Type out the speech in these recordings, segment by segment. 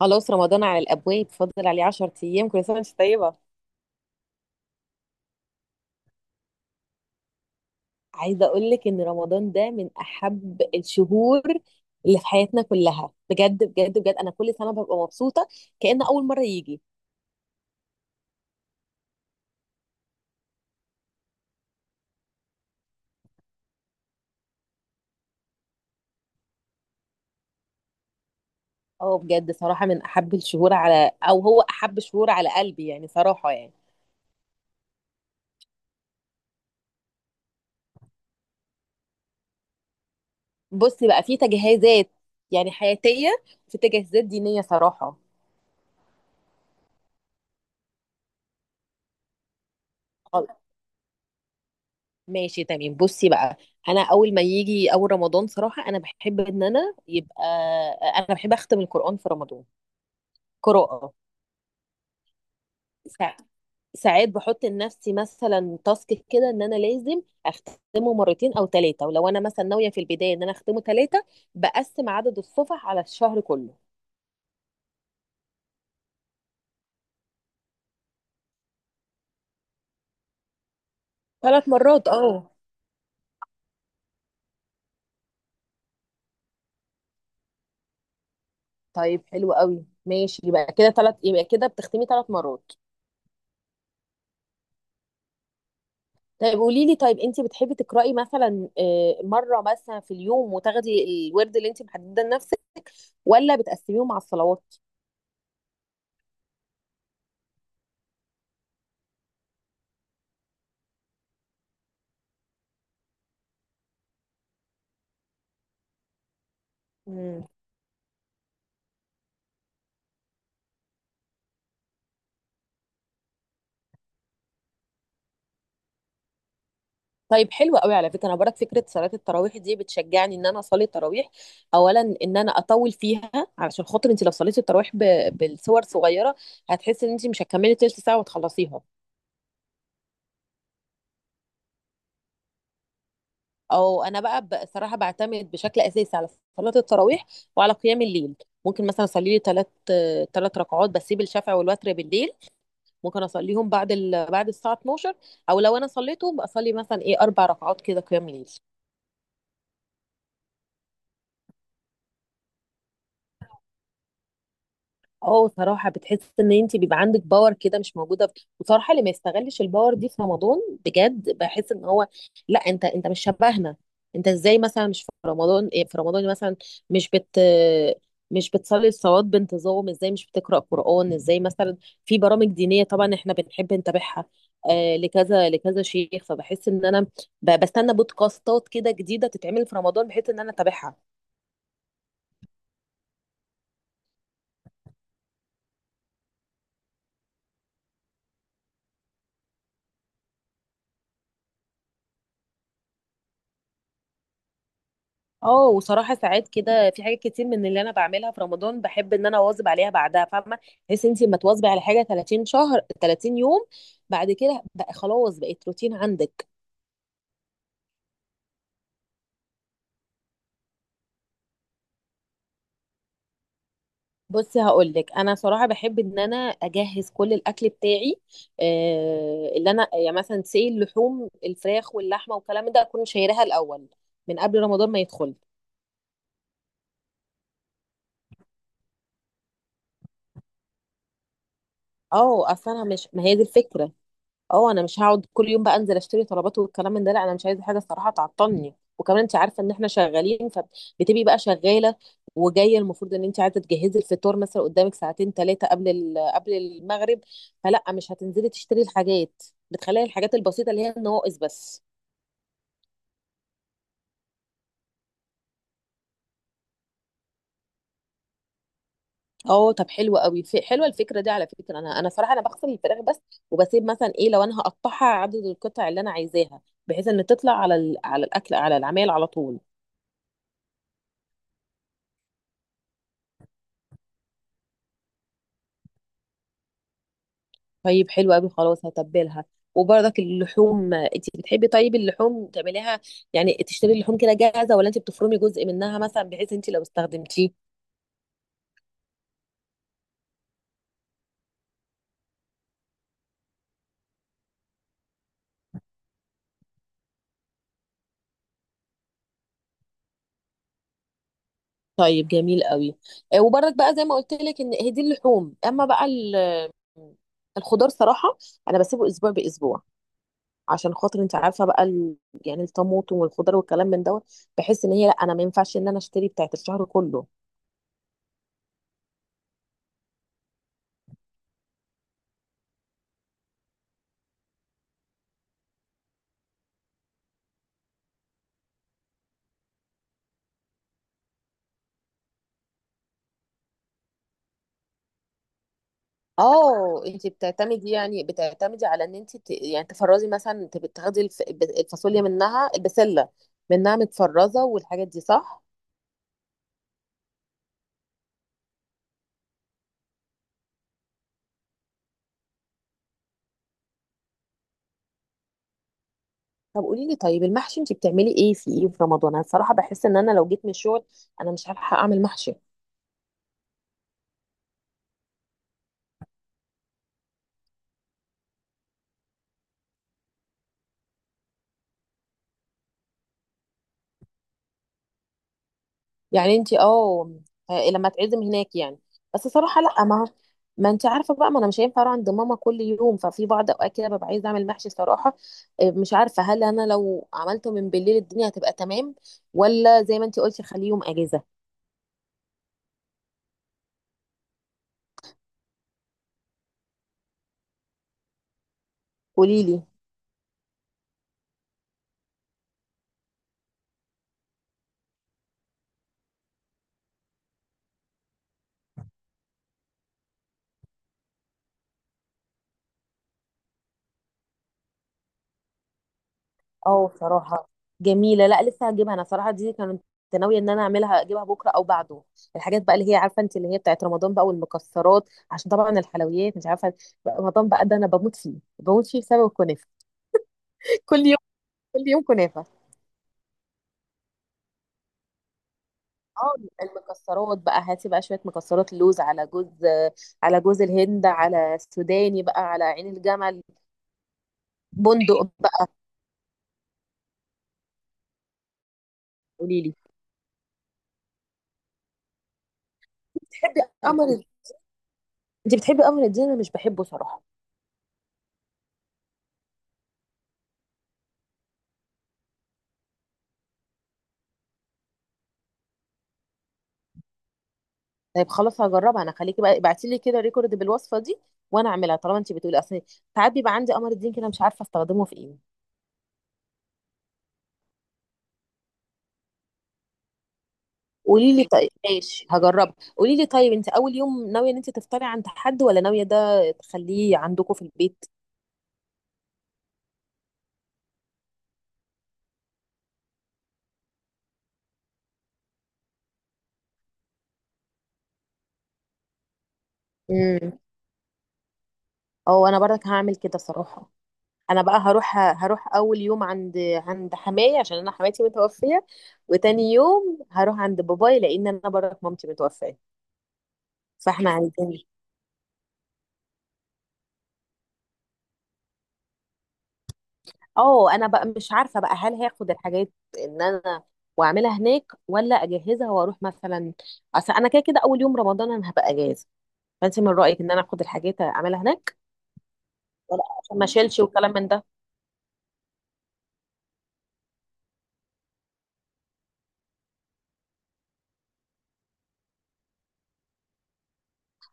خلاص رمضان على الابواب، فاضل عليه 10 ايام. كل سنه وانت طيبه. عايزه اقول لك ان رمضان ده من احب الشهور اللي في حياتنا كلها، بجد بجد بجد. انا كل سنه ببقى مبسوطه كأن اول مره يجي. اه بجد صراحه من احب الشهور على، او هو احب شهور على قلبي يعني صراحه يعني. بصي بقى، في تجهيزات يعني حياتيه، في تجهيزات دينيه صراحه. ماشي تمام، بصي بقى. انا اول ما يجي اول رمضان صراحه، انا بحب ان انا يبقى، انا بحب اختم القران في رمضان قراءه. ساعات ساعات بحط لنفسي مثلا تاسك كده ان انا لازم اختمه مرتين او ثلاثه، ولو انا مثلا ناويه في البدايه ان انا اختمه ثلاثه بقسم عدد الصفح على الشهر كله. ثلاث مرات اه. طيب حلو قوي، ماشي، يبقى كده ثلاث، يبقى كده بتختمي ثلاث مرات. طيب قولي لي، طيب انت بتحبي تقرأي مثلا آه، مرة مثلا في اليوم وتاخدي الورد اللي انت محدده لنفسك، ولا بتقسميهم مع الصلوات؟ مم. طيب حلوة قوي، على فكرة انا برك فكرة صلاة التراويح دي بتشجعني ان انا اصلي التراويح، اولا ان انا اطول فيها. علشان خاطر انت لو صليتي التراويح بالصور صغيرة هتحسي ان انت مش هتكملي تلت ساعة وتخلصيها. او انا بقى بصراحة بعتمد بشكل اساسي على صلاة التراويح وعلى قيام الليل. ممكن مثلا اصلي لي ثلاث، ثلاث ركعات، بسيب الشفع والوتر بالليل. ممكن اصليهم بعد الساعه 12، او لو انا صليتهم بصلي مثلا ايه اربع ركعات كده قيام ليل. اه صراحة بتحس ان انت بيبقى عندك باور كده مش موجودة، وصراحة اللي ما يستغلش الباور دي في رمضان بجد بحس ان هو، لا انت مش شبهنا. انت ازاي مثلا مش في رمضان، إيه في رمضان مثلا، مش بت مش بتصلي الصلوات بانتظام ازاي، مش بتقرأ قرآن ازاي مثلا. في برامج دينية طبعا احنا بنحب نتابعها، آه لكذا لكذا شيخ، فبحس ان انا بستنى بودكاستات كده جديدة تتعمل في رمضان بحيث ان انا اتابعها. اه وصراحه ساعات كده في حاجات كتير من اللي انا بعملها في رمضان بحب ان انا اواظب عليها بعدها، فاهمه، بحيث انت لما تواظبي على حاجه 30 شهر 30 يوم، بعد كده بقى خلاص بقت روتين عندك. بصي هقول لك، انا صراحه بحب ان انا اجهز كل الاكل بتاعي، آه اللي انا يعني مثلا سي اللحوم الفراخ واللحمه والكلام ده اكون شايراها الاول من قبل رمضان ما يدخل. اه اصل انا مش، ما هي دي الفكره. اه انا مش هقعد كل يوم بقى انزل اشتري طلبات والكلام من ده، لا انا مش عايزه حاجه الصراحه تعطلني، وكمان انت عارفه ان احنا شغالين، فبتبقي بقى شغاله وجايه، المفروض ان انت عايزه تجهزي الفطار مثلا قدامك ساعتين ثلاثه قبل المغرب، فلا مش هتنزلي تشتري الحاجات، بتخلي الحاجات البسيطه اللي هي النواقص بس. اه طب حلوه قوي، في حلوه الفكره دي على فكره، انا صراحه انا بغسل الفراخ بس، وبسيب مثلا ايه لو انا هقطعها عدد القطع اللي انا عايزاها، بحيث ان تطلع على الاكل على العمال على طول. طيب حلو قوي، خلاص هتبلها. وبرضك اللحوم انت بتحبي، طيب اللحوم تعمليها يعني تشتري اللحوم كده جاهزه، ولا انت بتفرمي جزء منها مثلا بحيث انت لو استخدمتيه. طيب جميل قوي، آه، وبرضك بقى زي ما قلت لك ان هي دي اللحوم، اما بقى الخضار صراحه انا بسيبه اسبوع باسبوع، عشان خاطر انت عارفه بقى ال...، يعني الطماطم والخضار والكلام من دوت، بحس ان هي، لا انا ما ينفعش ان انا اشتري بتاعت الشهر كله. اه انت بتعتمدي، يعني بتعتمدي على ان انت ت-، يعني تفرزي مثلا، انت بتاخدي الفاصوليا منها، البسله منها متفرزه، والحاجات دي صح. طب قولي لي، طيب المحشي انت بتعملي ايه في ايه في رمضان؟ انا الصراحه بحس ان انا لو جيت من الشغل انا مش هلحق اعمل محشي. يعني انت اه، آه، لما تعزم هناك يعني، بس صراحه لا، ما انت عارفه بقى، ما انا مش هينفع اروح عند ماما كل يوم، ففي بعض اوقات كده ببقى عايزه اعمل محشي صراحه. آه، مش عارفه هل انا لو عملته من بالليل الدنيا هتبقى تمام، ولا زي ما انت قلتي خليه يوم اجازه. قولي لي. اه صراحه جميله، لا لسه هجيبها. انا صراحه دي كنت ناويه ان انا اعملها، اجيبها بكره او بعده. الحاجات بقى اللي هي، عارفه انت، اللي هي بتاعت رمضان بقى، والمكسرات، عشان طبعا الحلويات مش عارفه، رمضان بقى ده انا بموت فيه، بموت فيه بسبب الكنافه. كل كل يوم كنافة. اه المكسرات بقى، هاتي بقى شوية مكسرات، لوز على جوز، على جوز الهند، على سوداني بقى، على عين الجمل، بندق بقى. قولي لي، بتحبي قمر، انت بتحبي قمر الدين؟ انا مش بحبه صراحة. طيب خلاص هجربها انا، خليكي بقى ابعتي لي كده ريكورد بالوصفة دي وانا اعملها، طالما انت بتقولي. اصل ساعات بيبقى عندي قمر الدين كده مش عارفة استخدمه في ايه. قولي لي طيب، ماشي هجربها. قولي لي طيب، انت اول يوم ناوية ان انت تفطري عند حد، ولا ناوية ده تخليه عندكم في البيت؟ اه انا برضك هعمل كده صراحه، انا بقى هروح، هروح اول يوم عند حماية عشان انا حماتي متوفيه، وتاني يوم هروح عند باباي لان انا برضك مامتي متوفيه، فاحنا عايزين. اه انا بقى مش عارفه بقى هل هاخد الحاجات ان انا واعملها هناك، ولا اجهزها واروح مثلا. اصل انا كده كده اول يوم رمضان انا هبقى اجازه، فانت من رايك ان انا اخد الحاجات اعملها هناك، ولا عشان ما اشيلش وكلام من ده.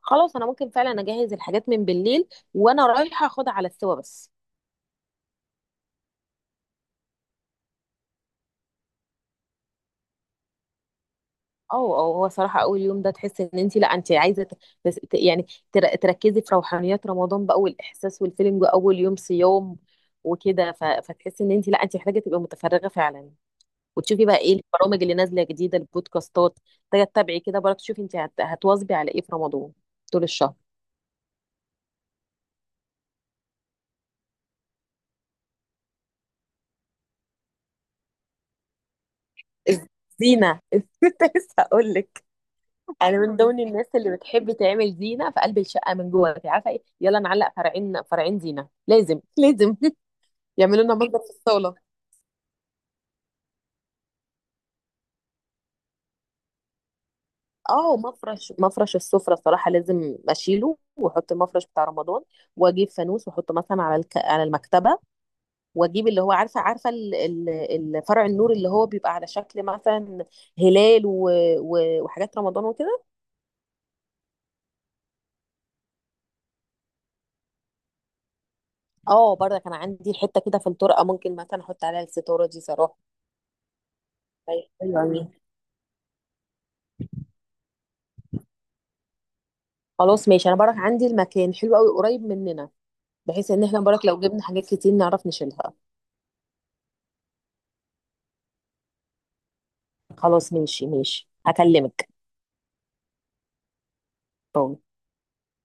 خلاص انا ممكن فعلا اجهز الحاجات من بالليل وانا رايحه اخدها على السوا بس. اه اه، هو صراحة أول يوم ده تحس إن أنت، لا أنت عايزة تس- ت- يعني تركزي في روحانيات رمضان بقى والإحساس والفيلم أول يوم صيام وكده، فتحسي إن أنت، لا أنت محتاجة تبقي متفرغة فعلا، وتشوفي بقى إيه البرامج اللي نازلة جديدة، البودكاستات محتاجة تتابعي كده برضه، تشوفي أنت هتواظبي على إيه في رمضان طول الشهر. زينة كنت لسه هقول لك. أنا من ضمن الناس اللي بتحب تعمل زينة في قلب الشقة من جوه، أنت عارفة إيه، يلا نعلق فرعين فرعين، زينة لازم لازم يعملوا لنا مصدر في الصالة. اه مفرش السفرة صراحة لازم اشيله واحط المفرش بتاع رمضان، واجيب فانوس واحطه مثلا على المكتبة، واجيب اللي هو عارفة عارفة ال... ال... فرع النور اللي هو بيبقى على شكل مثلا هلال و... و... وحاجات رمضان وكده. اه برضه كان عندي حتة كده في الطرقة ممكن مثلا احط عليها الستارة دي صراحة. طيب، حلو أوي. خلاص ماشي، انا برك عندي المكان حلو قوي قريب مننا، بحيث ان احنا برك لو جبنا حاجات كتير نعرف نشيلها. خلاص ماشي ماشي، هكلمك.